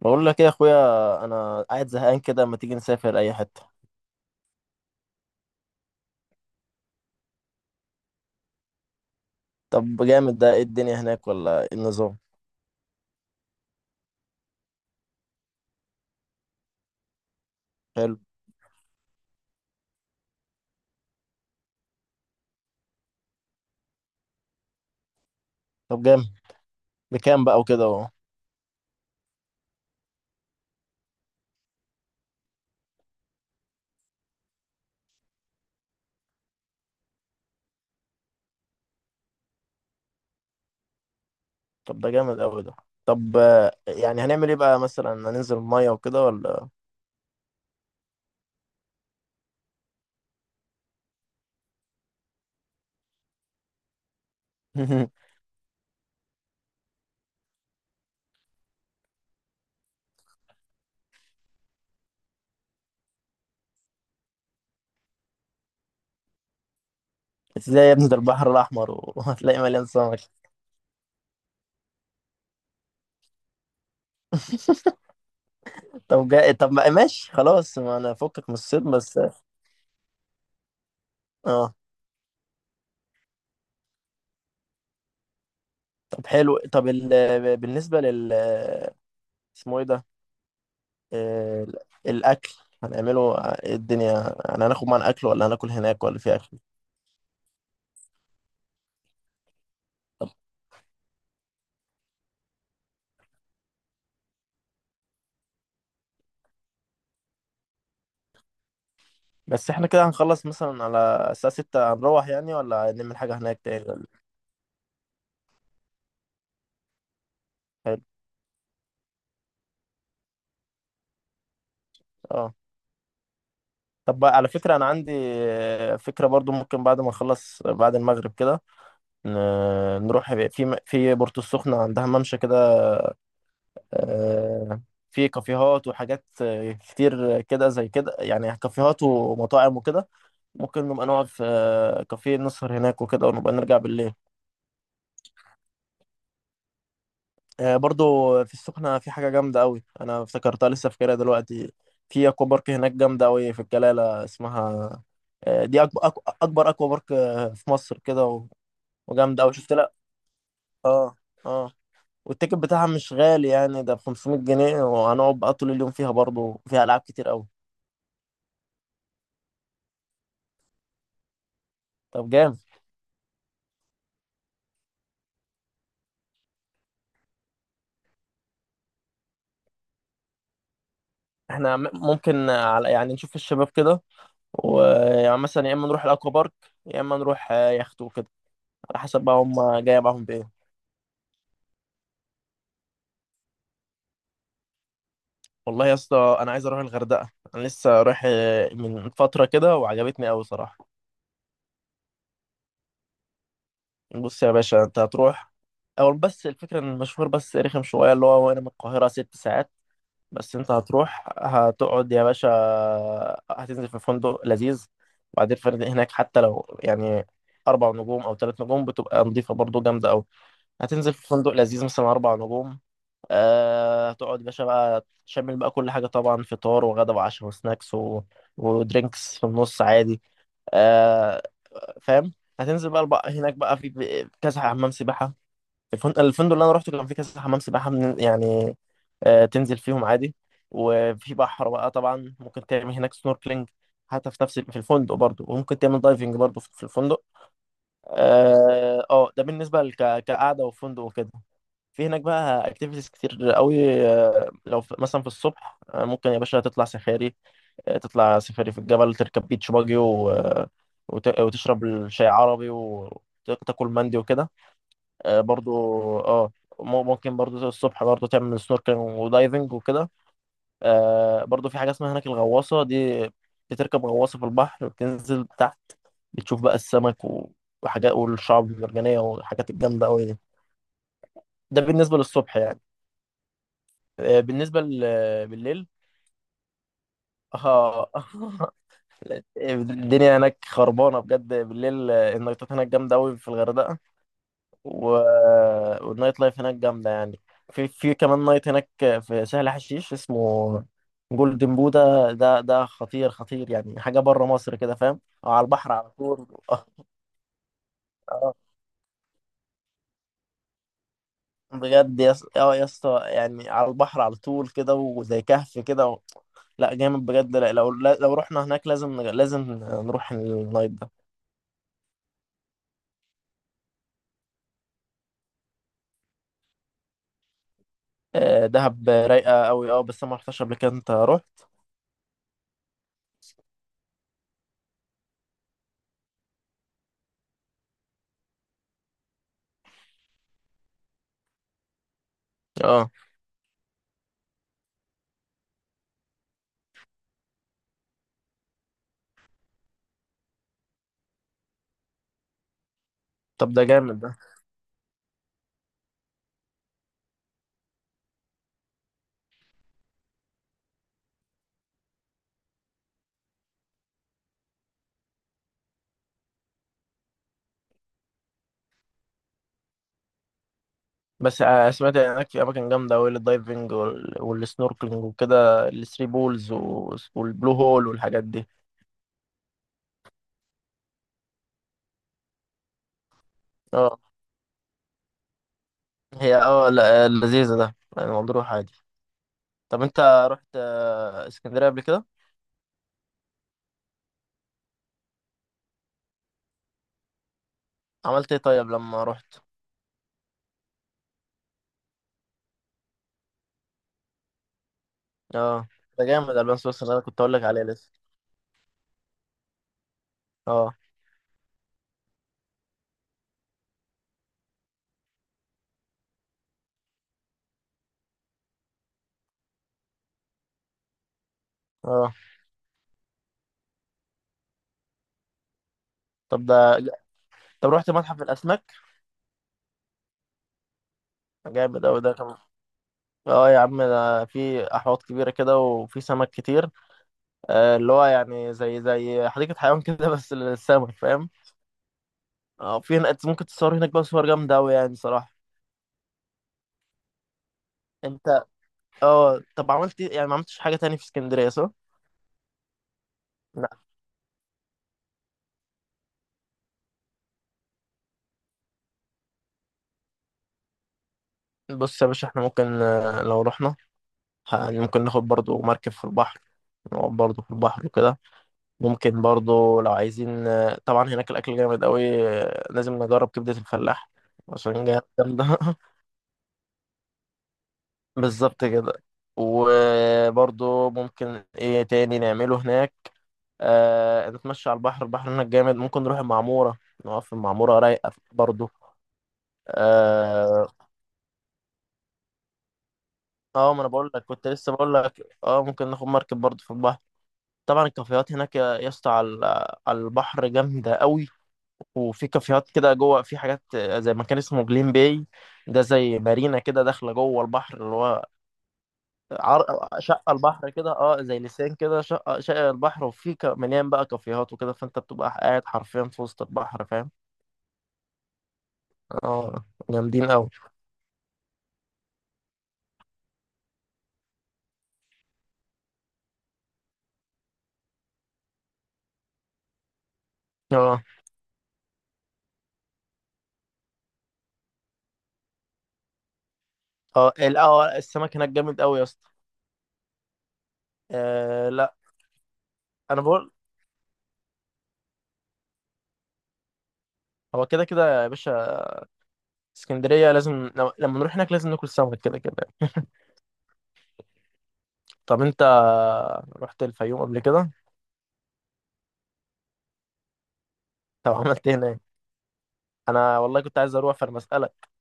بقول لك ايه يا اخويا؟ انا قاعد زهقان كده، ما تيجي نسافر اي حته؟ طب جامد. ده ايه الدنيا هناك ولا ايه النظام؟ حلو. طب جامد. بكام بقى وكده اهو؟ طب ده جامد قوي ده. طب، يعني هنعمل ايه بقى؟ مثلا هننزل الميه وكده ولا؟ ازاي يا ابني؟ ده البحر الاحمر وهتلاقي مليان سمك. طب ماشي خلاص، ما انا فكك من الصيد بس. اه، طب حلو. طب بالنسبه اسمه ايه ده؟ آه، الاكل، هنعمله إيه الدنيا؟ يعني هناخد معانا اكل ولا هناكل هناك ولا في اكل؟ بس احنا كده هنخلص مثلا على الساعه 6، هنروح يعني؟ ولا نعمل حاجه هناك تاني ولا؟ حلو. اه، طب بقى على فكره، انا عندي فكره برضو. ممكن بعد ما نخلص بعد المغرب كده نروح في بورتو السخنه، عندها ممشى كده. آه، في كافيهات وحاجات كتير كده، زي كده يعني، كافيهات ومطاعم وكده. ممكن نبقى نقعد في كافيه، نسهر هناك وكده ونبقى نرجع بالليل. برضو في السخنة في حاجة جامدة أوي، أنا افتكرتها لسه فاكرها دلوقتي. في أكوا بارك هناك جامدة أوي، في الجلالة اسمها. دي أكبر أكبر أكوا بارك في مصر كده وجامدة أوي شفت لها. اه. اه. والتيكت بتاعها مش غالي يعني، ده ب 500 جنيه، وهنقعد بقى طول اليوم فيها. برضو فيها ألعاب كتير أوي. طب جامد. احنا ممكن على يعني، نشوف الشباب كده ويعني مثلا، يا إما نروح الأكوا بارك، يا إما نروح يخت وكده، على حسب بقى هم جاية معاهم بإيه. والله يا اسطى، انا عايز اروح الغردقه. انا لسه رايح من فتره كده، وعجبتني قوي صراحه. بص يا باشا، انت هتروح. اول بس الفكره ان المشوار بس رخم شويه، اللي هو وانا من القاهره 6 ساعات. بس انت هتروح، هتقعد يا باشا. هتنزل في فندق لذيذ. وبعدين الفنادق هناك حتى لو يعني، 4 نجوم او 3 نجوم، بتبقى نظيفه برضو جامده قوي. هتنزل في فندق لذيذ مثلا 4 نجوم. هتقعد يا باشا بقى، تشمل بقى كل حاجة طبعا: فطار وغدا وعشاء وسناكس ودرينكس في النص عادي. آه، فاهم. هتنزل بقى هناك بقى في كذا حمام سباحة. الفندق اللي أنا روحته كان فيه كذا حمام سباحة يعني، تنزل فيهم عادي. وفي بحر بقى طبعا، ممكن تعمل هناك سنوركلينج حتى في نفس في الفندق برضو، وممكن تعمل دايفنج برضو في الفندق. اه، ده بالنسبة لك كقعدة وفندق وكده. في هناك بقى اكتيفيتيز كتير قوي. لو في مثلا في الصبح، ممكن يا باشا تطلع سفاري. تطلع سفاري في الجبل، تركب بيتش باجي و... آه، وتشرب الشاي عربي وتاكل مندي وكده. برضو. اه، ممكن برضو الصبح برضو تعمل سنوركلينج ودايفنج وكده. برضو في حاجة اسمها هناك الغواصة دي. بتركب غواصة في البحر، بتنزل تحت، بتشوف بقى السمك وحاجات، والشعب المرجانية والحاجات الجامدة قوي دي. ده بالنسبة للصبح يعني. بالنسبة بالليل. اه. الدنيا هناك خربانة بجد بالليل، النايتات هناك جامدة أوي في الغردقة و... والنايت لايف هناك جامدة يعني. في كمان نايت هناك في سهل حشيش اسمه جولدن بودا. ده خطير خطير يعني، حاجة بره مصر كده، فاهم؟ على البحر على طول. بجد يا اسطى. اه يا اسطى، يعني على البحر على طول كده، وزي كهف كده لا جامد بجد، لا. لو رحنا هناك لازم لازم نروح النايت ده. دهب رايقه قوي. اه بس انا ما رحتش قبل كده. انت رحت؟ اه. طب ده جامد ده. بس سمعت هناك في اماكن جامده قوي للدايفنج والسنوركلينج وكده، الثري بولز والبلو هول والحاجات دي. اه. هي اه لا، لذيذه ده يعني، مضروح عادي. طب انت، رحت اسكندريه قبل كده؟ عملت ايه طيب لما رحت؟ اه، ده جامد، البان سويسرا اللي انا كنت اقول لك عليه لسه. اه. اه. طب ده، طب رحت متحف الاسماك؟ جامد اوي ده كمان. اه يا عم، ده في احواض كبيره كده وفي سمك كتير. اللي هو يعني، زي حديقه حيوان كده بس للسمك، فاهم؟ اه، في هناك ممكن تصور هناك بقى صور جامده اوي يعني صراحه. انت اه، طب عملت إيه؟ يعني ما عملتش حاجه تاني في اسكندريه صح؟ لا، بص يا باشا، احنا ممكن لو رحنا، ممكن ناخد برضو مركب في البحر، نقعد برضو في البحر وكده. ممكن برضو لو عايزين. طبعا هناك الأكل جامد قوي. لازم نجرب كبدة الفلاح عشان جامد، جامدة. بالظبط كده. وبرضو، ممكن ايه تاني نعمله هناك؟ نتمشى على البحر. البحر هناك جامد. ممكن نروح المعمورة، نقف في المعمورة، رايقة برضو. اه. ما انا بقول لك كنت لسه بقول لك، اه، ممكن ناخد مركب برضو في البحر. طبعا الكافيهات هناك يا اسطى، على البحر جامدة قوي. وفي كافيهات كده جوه، في حاجات زي مكان اسمه جليم باي. ده زي مارينا كده، داخله جوه البحر، اللي هو، عر... شقه البحر كده، اه زي لسان كده، شقه البحر، وفي مليان بقى كافيهات وكده، فانت بتبقى قاعد حرفيا في وسط البحر، فاهم؟ اه جامدين قوي. اه. اه. السمك هناك جامد قوي يا اسطى. لا. انا بقول، هو كده كده يا باشا. اسكندريه لازم لما نروح هناك لازم ناكل سمك كده كده. طب انت، رحت الفيوم قبل كده؟ طب عملت ايه هناك؟ انا والله كنت عايز اروح، فانا بسألك.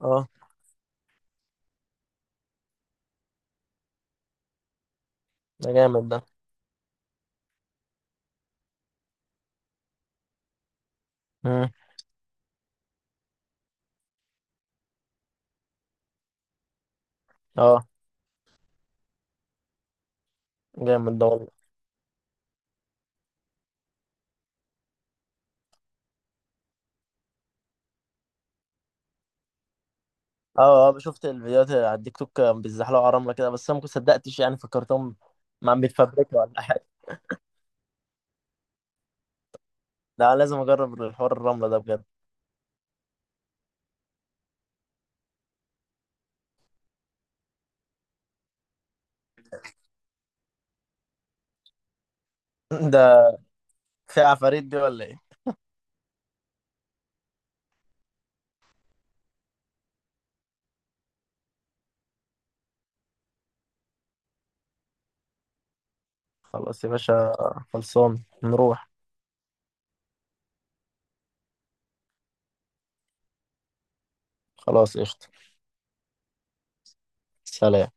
اه ده جامد ده. مم. اه جامد ده والله. اه، اه، شفت الفيديوهات على التيك توك، كانوا بيزحلقوا على الرمله كده، بس انا ما صدقتش يعني، فكرتهم ما عم بيتفبركوا ولا حاجه. ده أنا لازم اجرب الحوار الرمله ده بجد. ده في عفاريت دي ولا ايه؟ خلاص يا باشا. خلصان نروح. خلاص قشطه. سلام.